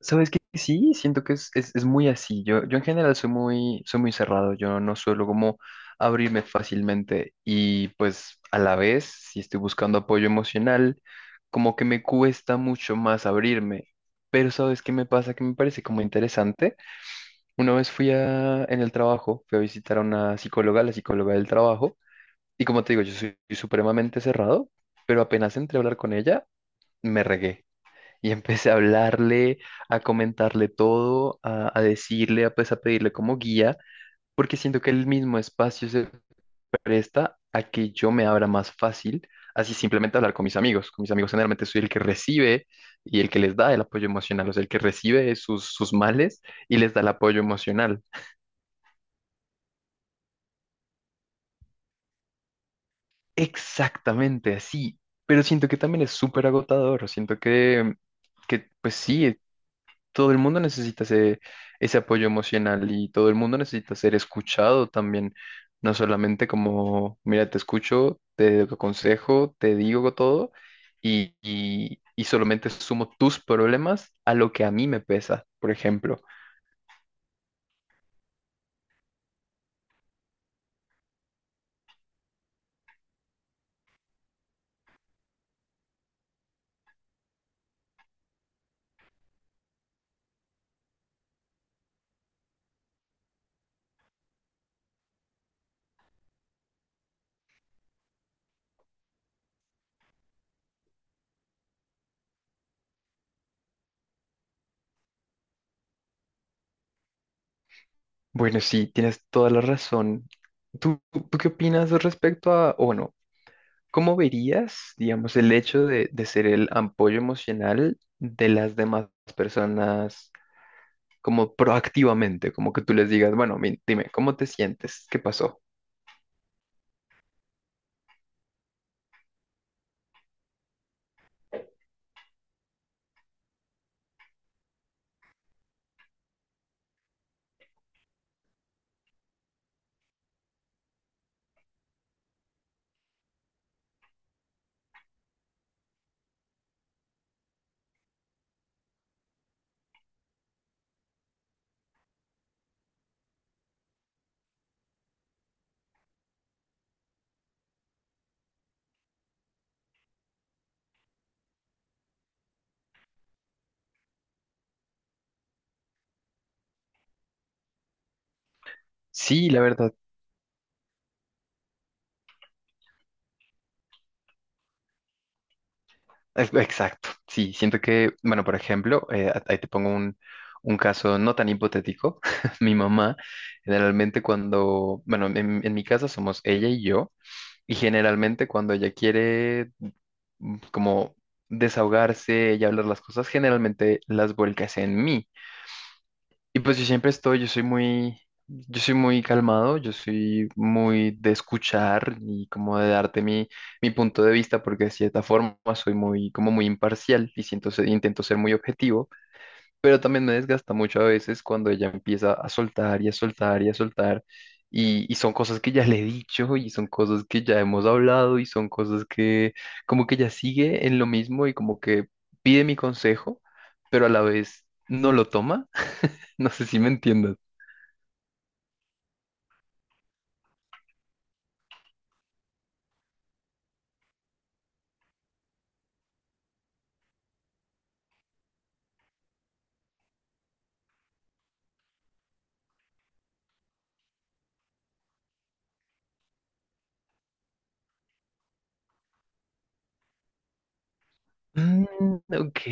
Sabes que sí, siento que es muy así. Yo en general soy soy muy cerrado. Yo no suelo como abrirme fácilmente. Y pues a la vez, si estoy buscando apoyo emocional, como que me cuesta mucho más abrirme. Pero ¿sabes qué me pasa? Que me parece como interesante. Una vez en el trabajo, fui a visitar a una psicóloga, la psicóloga del trabajo. Y como te digo, yo soy supremamente cerrado, pero apenas entré a hablar con ella, me regué. Y empecé a hablarle, a comentarle todo, a decirle, a, pues a pedirle como guía, porque siento que el mismo espacio se presta a que yo me abra más fácil, así simplemente hablar con mis amigos. Con mis amigos generalmente soy el que recibe y el que les da el apoyo emocional, o sea, el que recibe sus males y les da el apoyo emocional. Exactamente así, pero siento que también es súper agotador, siento que pues sí, todo el mundo necesita ese apoyo emocional y todo el mundo necesita ser escuchado también, no solamente como, mira, te escucho, te aconsejo, te digo todo y solamente sumo tus problemas a lo que a mí me pesa, por ejemplo. Bueno, sí, tienes toda la razón. ¿Tú qué opinas respecto a, o bueno, cómo verías, digamos, el hecho de ser el apoyo emocional de las demás personas? Como proactivamente, como que tú les digas, bueno, dime, ¿cómo te sientes? ¿Qué pasó? Sí, la verdad, es- exacto. Sí, siento que, bueno, por ejemplo, a- ahí te pongo un caso no tan hipotético. Mi mamá, generalmente cuando, bueno, en mi casa somos ella y yo, y generalmente cuando ella quiere como desahogarse y hablar las cosas, generalmente las vuelcas en mí. Y pues yo siempre estoy, yo soy yo soy muy calmado, yo soy muy de escuchar y como de darte mi punto de vista, porque de cierta forma soy muy, como muy imparcial y siento intento ser muy objetivo, pero también me desgasta mucho a veces cuando ella empieza a soltar y a soltar y a soltar. Y son cosas que ya le he dicho y son cosas que ya hemos hablado y son cosas que como que ya sigue en lo mismo y como que pide mi consejo, pero a la vez no lo toma. No sé si me entiendas. Mm, ok.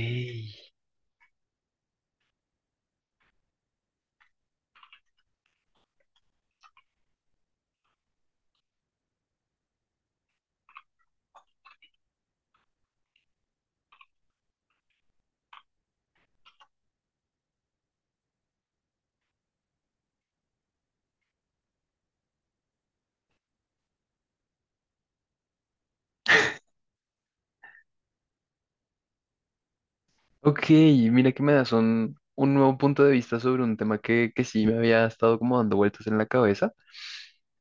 Ok, mira que me das un nuevo punto de vista sobre un tema que sí me había estado como dando vueltas en la cabeza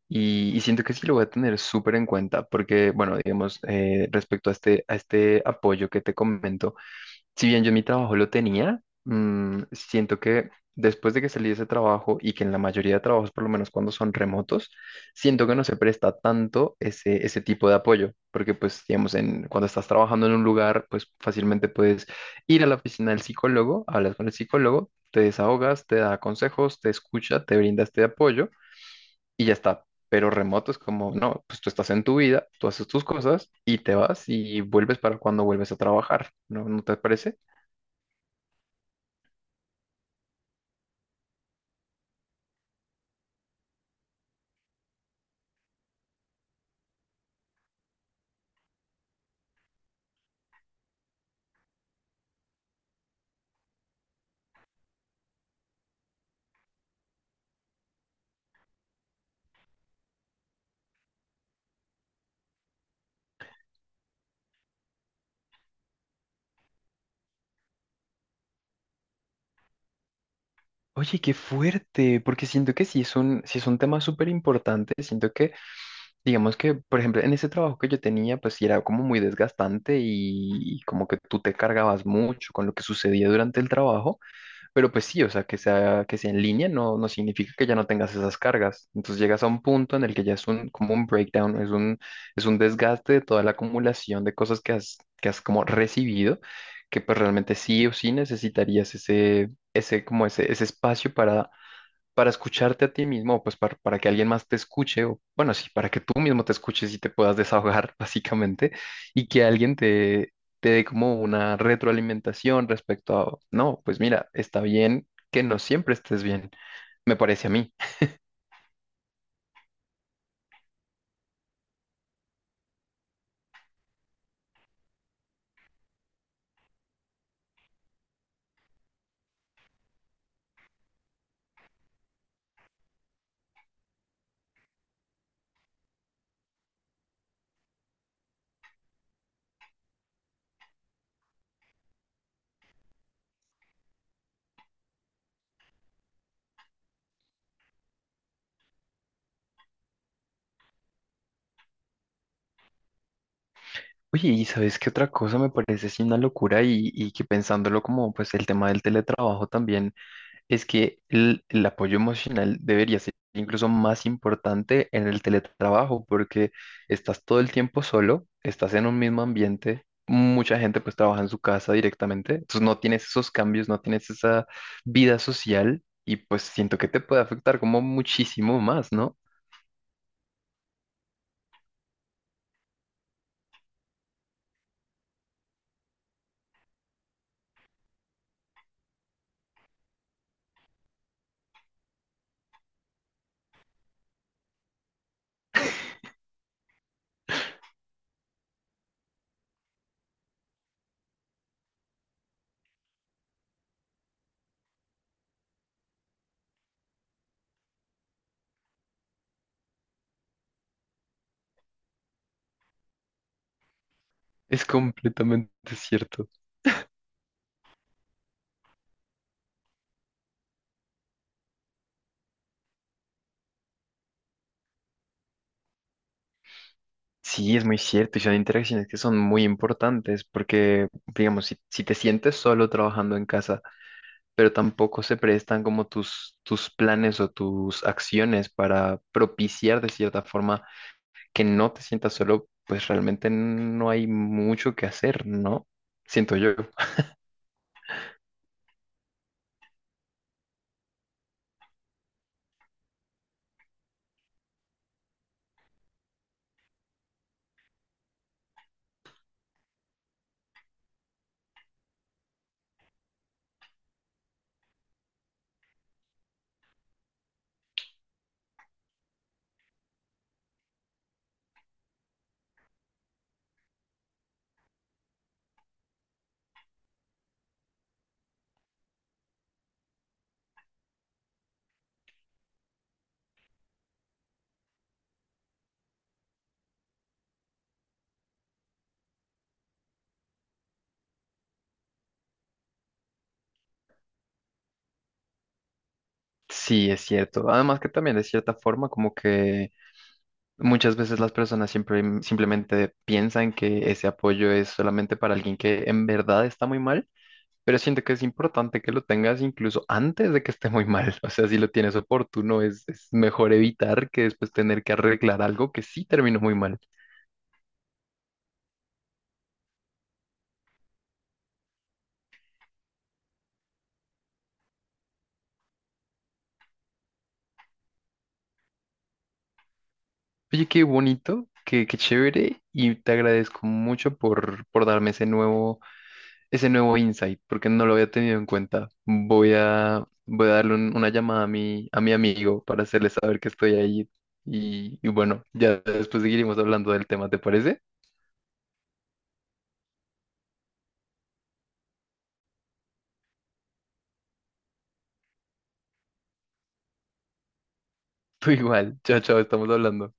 y siento que sí lo voy a tener súper en cuenta porque, bueno, digamos, respecto a a este apoyo que te comento. Si bien yo mi trabajo lo tenía, mm, siento que después de que salí de ese trabajo y que en la mayoría de trabajos, por lo menos cuando son remotos, siento que no se presta tanto ese tipo de apoyo, porque pues, digamos, cuando estás trabajando en un lugar, pues fácilmente puedes ir a la oficina del psicólogo, hablas con el psicólogo, te desahogas, te da consejos, te escucha, te brinda este apoyo y ya está. Pero remoto es como, no, pues tú estás en tu vida, tú haces tus cosas y te vas y vuelves para cuando vuelves a trabajar, ¿no? ¿No te parece? Oye, qué fuerte, porque siento que sí es sí es un tema súper importante. Siento digamos que, por ejemplo, en ese trabajo que yo tenía, pues sí era como muy desgastante y como que tú te cargabas mucho con lo que sucedía durante el trabajo, pero pues sí, o sea, que sea en línea no significa que ya no tengas esas cargas. Entonces llegas a un punto en el que ya es un, como un breakdown, es es un desgaste de toda la acumulación de cosas que que has como recibido, que pues realmente sí o sí necesitarías ese espacio para escucharte a ti mismo, pues para que alguien más te escuche, o bueno, sí, para que tú mismo te escuches y te puedas desahogar, básicamente, y que alguien te dé como una retroalimentación respecto a, no, pues mira, está bien que no siempre estés bien, me parece a mí. Oye, y sabes qué otra cosa me parece así una locura y que pensándolo como pues el tema del teletrabajo también es que el apoyo emocional debería ser incluso más importante en el teletrabajo porque estás todo el tiempo solo, estás en un mismo ambiente, mucha gente pues trabaja en su casa directamente, entonces no tienes esos cambios, no tienes esa vida social y pues siento que te puede afectar como muchísimo más, ¿no? Es completamente cierto. Sí, es muy cierto, y son interacciones que son muy importantes porque, digamos, si te sientes solo trabajando en casa, pero tampoco se prestan como tus planes o tus acciones para propiciar de cierta forma que no te sientas solo, pues realmente no hay mucho que hacer, ¿no? Siento yo. Sí, es cierto. Además que también de cierta forma como que muchas veces las personas siempre simplemente piensan que ese apoyo es solamente para alguien que en verdad está muy mal. Pero siento que es importante que lo tengas incluso antes de que esté muy mal. O sea, si lo tienes oportuno, es mejor evitar que después tener que arreglar algo que sí terminó muy mal. Oye, qué bonito, qué chévere y te agradezco mucho por darme ese nuevo insight, porque no lo había tenido en cuenta. Voy a darle una llamada a mi amigo para hacerle saber que estoy ahí. Y bueno, ya después seguiremos hablando del tema, ¿te parece? Tú igual. Chao, chao, estamos hablando.